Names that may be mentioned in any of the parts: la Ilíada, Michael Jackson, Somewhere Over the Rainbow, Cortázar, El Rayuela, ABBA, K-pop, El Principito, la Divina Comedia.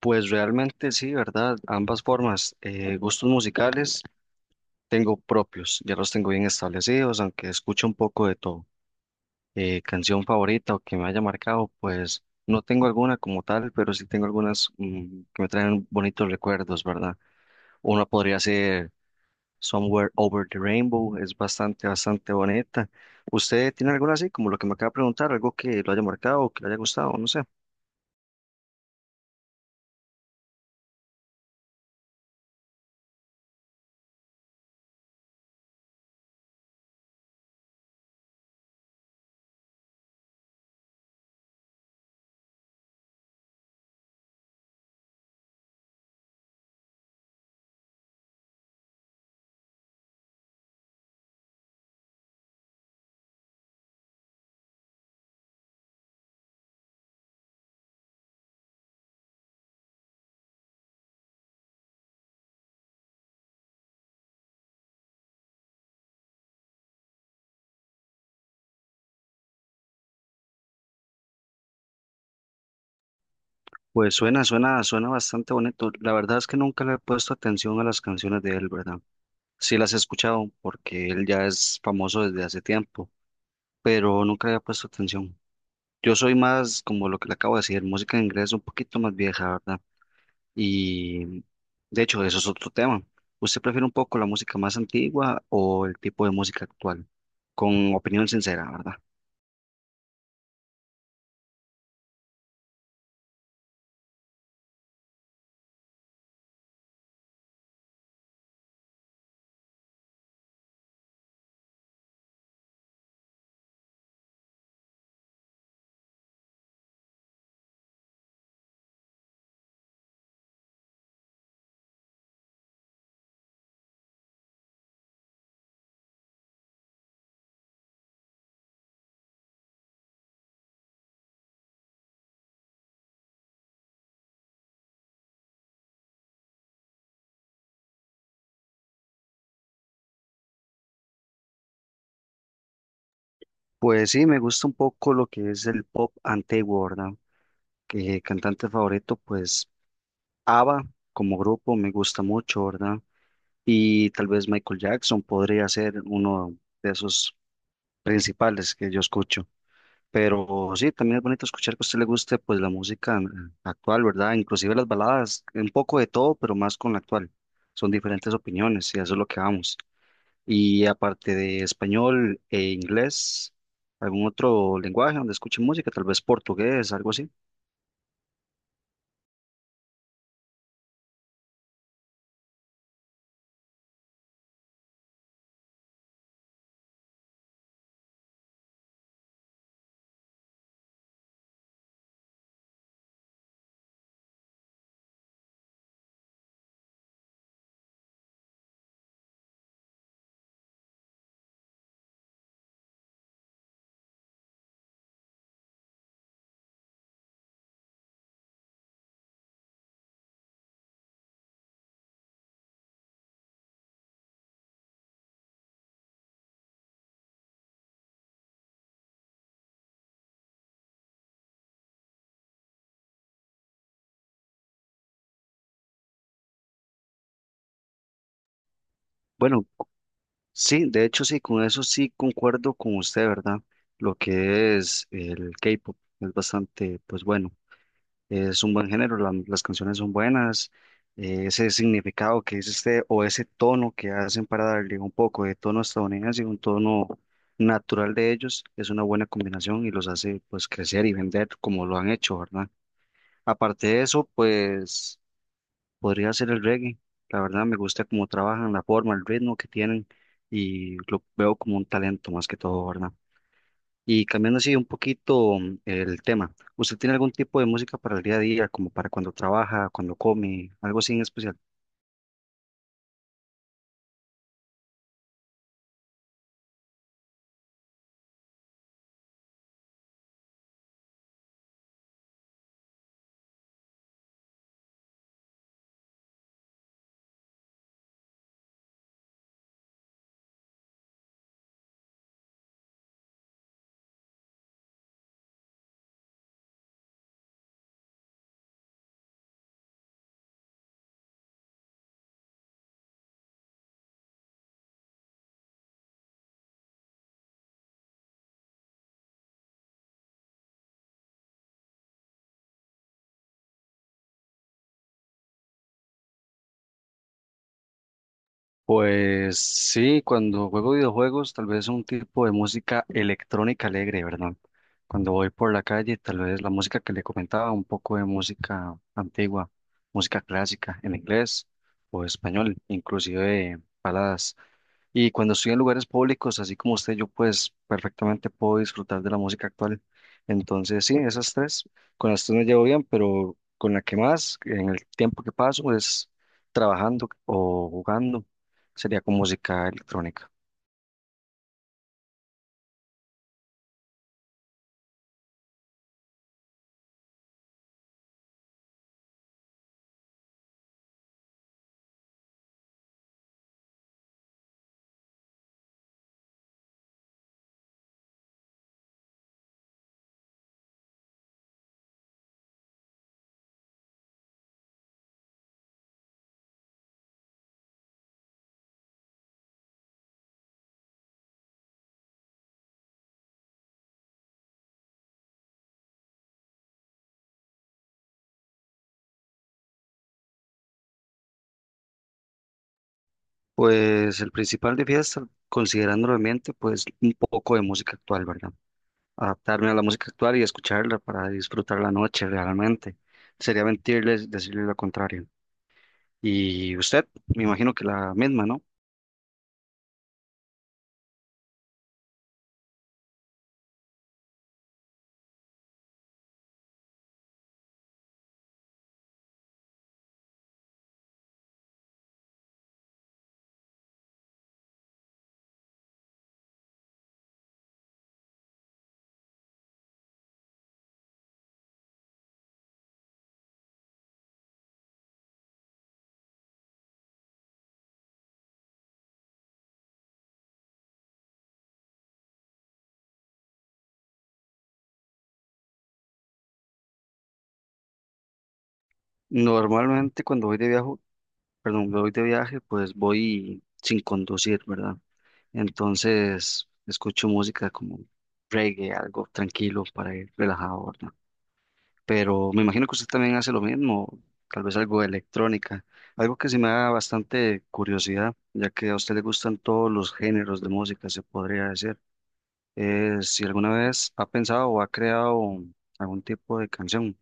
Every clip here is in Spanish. Pues realmente sí, ¿verdad? Ambas formas. Gustos musicales tengo propios, ya los tengo bien establecidos, aunque escucho un poco de todo. Canción favorita o que me haya marcado, pues no tengo alguna como tal, pero sí tengo algunas que me traen bonitos recuerdos, ¿verdad? Una podría ser Somewhere Over the Rainbow, es bastante, bastante bonita. ¿Usted tiene alguna así, como lo que me acaba de preguntar, algo que lo haya marcado o que le haya gustado? No sé. Pues suena bastante bonito. La verdad es que nunca le he puesto atención a las canciones de él, ¿verdad? Sí las he escuchado porque él ya es famoso desde hace tiempo, pero nunca le he puesto atención. Yo soy más como lo que le acabo de decir, música en inglés un poquito más vieja, ¿verdad? Y de hecho, eso es otro tema. ¿Usted prefiere un poco la música más antigua o el tipo de música actual? Con opinión sincera, ¿verdad? Pues sí, me gusta un poco lo que es el pop antiguo, ¿verdad? Que cantante favorito, pues. ABBA como grupo me gusta mucho, ¿verdad? Y tal vez Michael Jackson podría ser uno de esos principales que yo escucho. Pero sí, también es bonito escuchar que a usted le guste pues la música actual, ¿verdad? Inclusive las baladas, un poco de todo, pero más con la actual. Son diferentes opiniones y a eso es lo que vamos. Y aparte de español e inglés, ¿algún otro lenguaje donde escuche música? Tal vez portugués, algo así. Bueno, sí, de hecho sí, con eso sí concuerdo con usted, ¿verdad? Lo que es el K-pop es bastante, pues bueno, es un buen género, las canciones son buenas, ese significado que es este o ese tono que hacen para darle un poco de tono estadounidense y un tono natural de ellos es una buena combinación y los hace pues crecer y vender como lo han hecho, ¿verdad? Aparte de eso, pues podría ser el reggae. La verdad me gusta cómo trabajan, la forma, el ritmo que tienen y lo veo como un talento más que todo, ¿verdad? Y cambiando así un poquito el tema, ¿usted tiene algún tipo de música para el día a día, como para cuando trabaja, cuando come, algo así en especial? Pues sí, cuando juego videojuegos, tal vez un tipo de música electrónica alegre, ¿verdad? Cuando voy por la calle, tal vez la música que le comentaba, un poco de música antigua, música clásica en inglés o español, inclusive baladas. Y cuando estoy en lugares públicos, así como usted, yo pues perfectamente puedo disfrutar de la música actual. Entonces, sí, esas tres, con las tres me llevo bien, pero con la que más, en el tiempo que paso, es trabajando o jugando, sería con música electrónica. Pues el principal de fiesta, considerando el ambiente, pues un poco de música actual, ¿verdad? Adaptarme a la música actual y escucharla para disfrutar la noche realmente. Sería mentirles decirles lo contrario. Y usted, me imagino que la misma, ¿no? Normalmente cuando voy de viaje, perdón, cuando voy de viaje, pues voy sin conducir, ¿verdad? Entonces escucho música como reggae, algo tranquilo para ir relajado, ¿verdad? Pero me imagino que usted también hace lo mismo, tal vez algo de electrónica, algo que se me da bastante curiosidad, ya que a usted le gustan todos los géneros de música, se podría decir. Si alguna vez ha pensado o ha creado algún tipo de canción.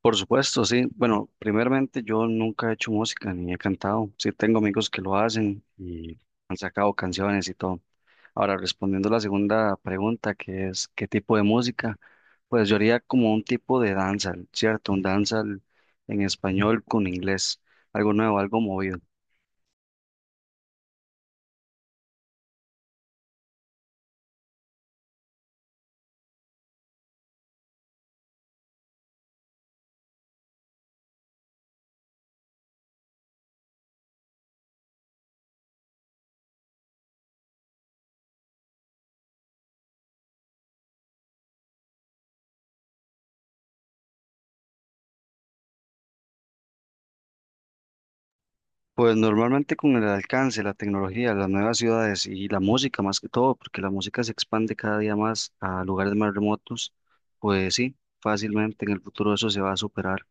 Por supuesto, sí. Bueno, primeramente yo nunca he hecho música ni he cantado. Sí, tengo amigos que lo hacen y han sacado canciones y todo. Ahora, respondiendo a la segunda pregunta, que es ¿qué tipo de música? Pues yo haría como un tipo de danza, ¿cierto? Un danza en español con inglés, algo nuevo, algo movido. Pues normalmente con el alcance, la tecnología, las nuevas ciudades y la música más que todo, porque la música se expande cada día más a lugares más remotos, pues sí, fácilmente en el futuro eso se va a superar.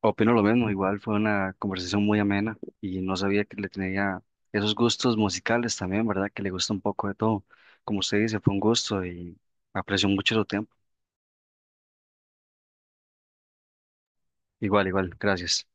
Opino lo mismo, igual fue una conversación muy amena y no sabía que le tenía esos gustos musicales también, ¿verdad? Que le gusta un poco de todo. Como usted dice, fue un gusto y aprecio mucho su tiempo. Igual, igual, gracias.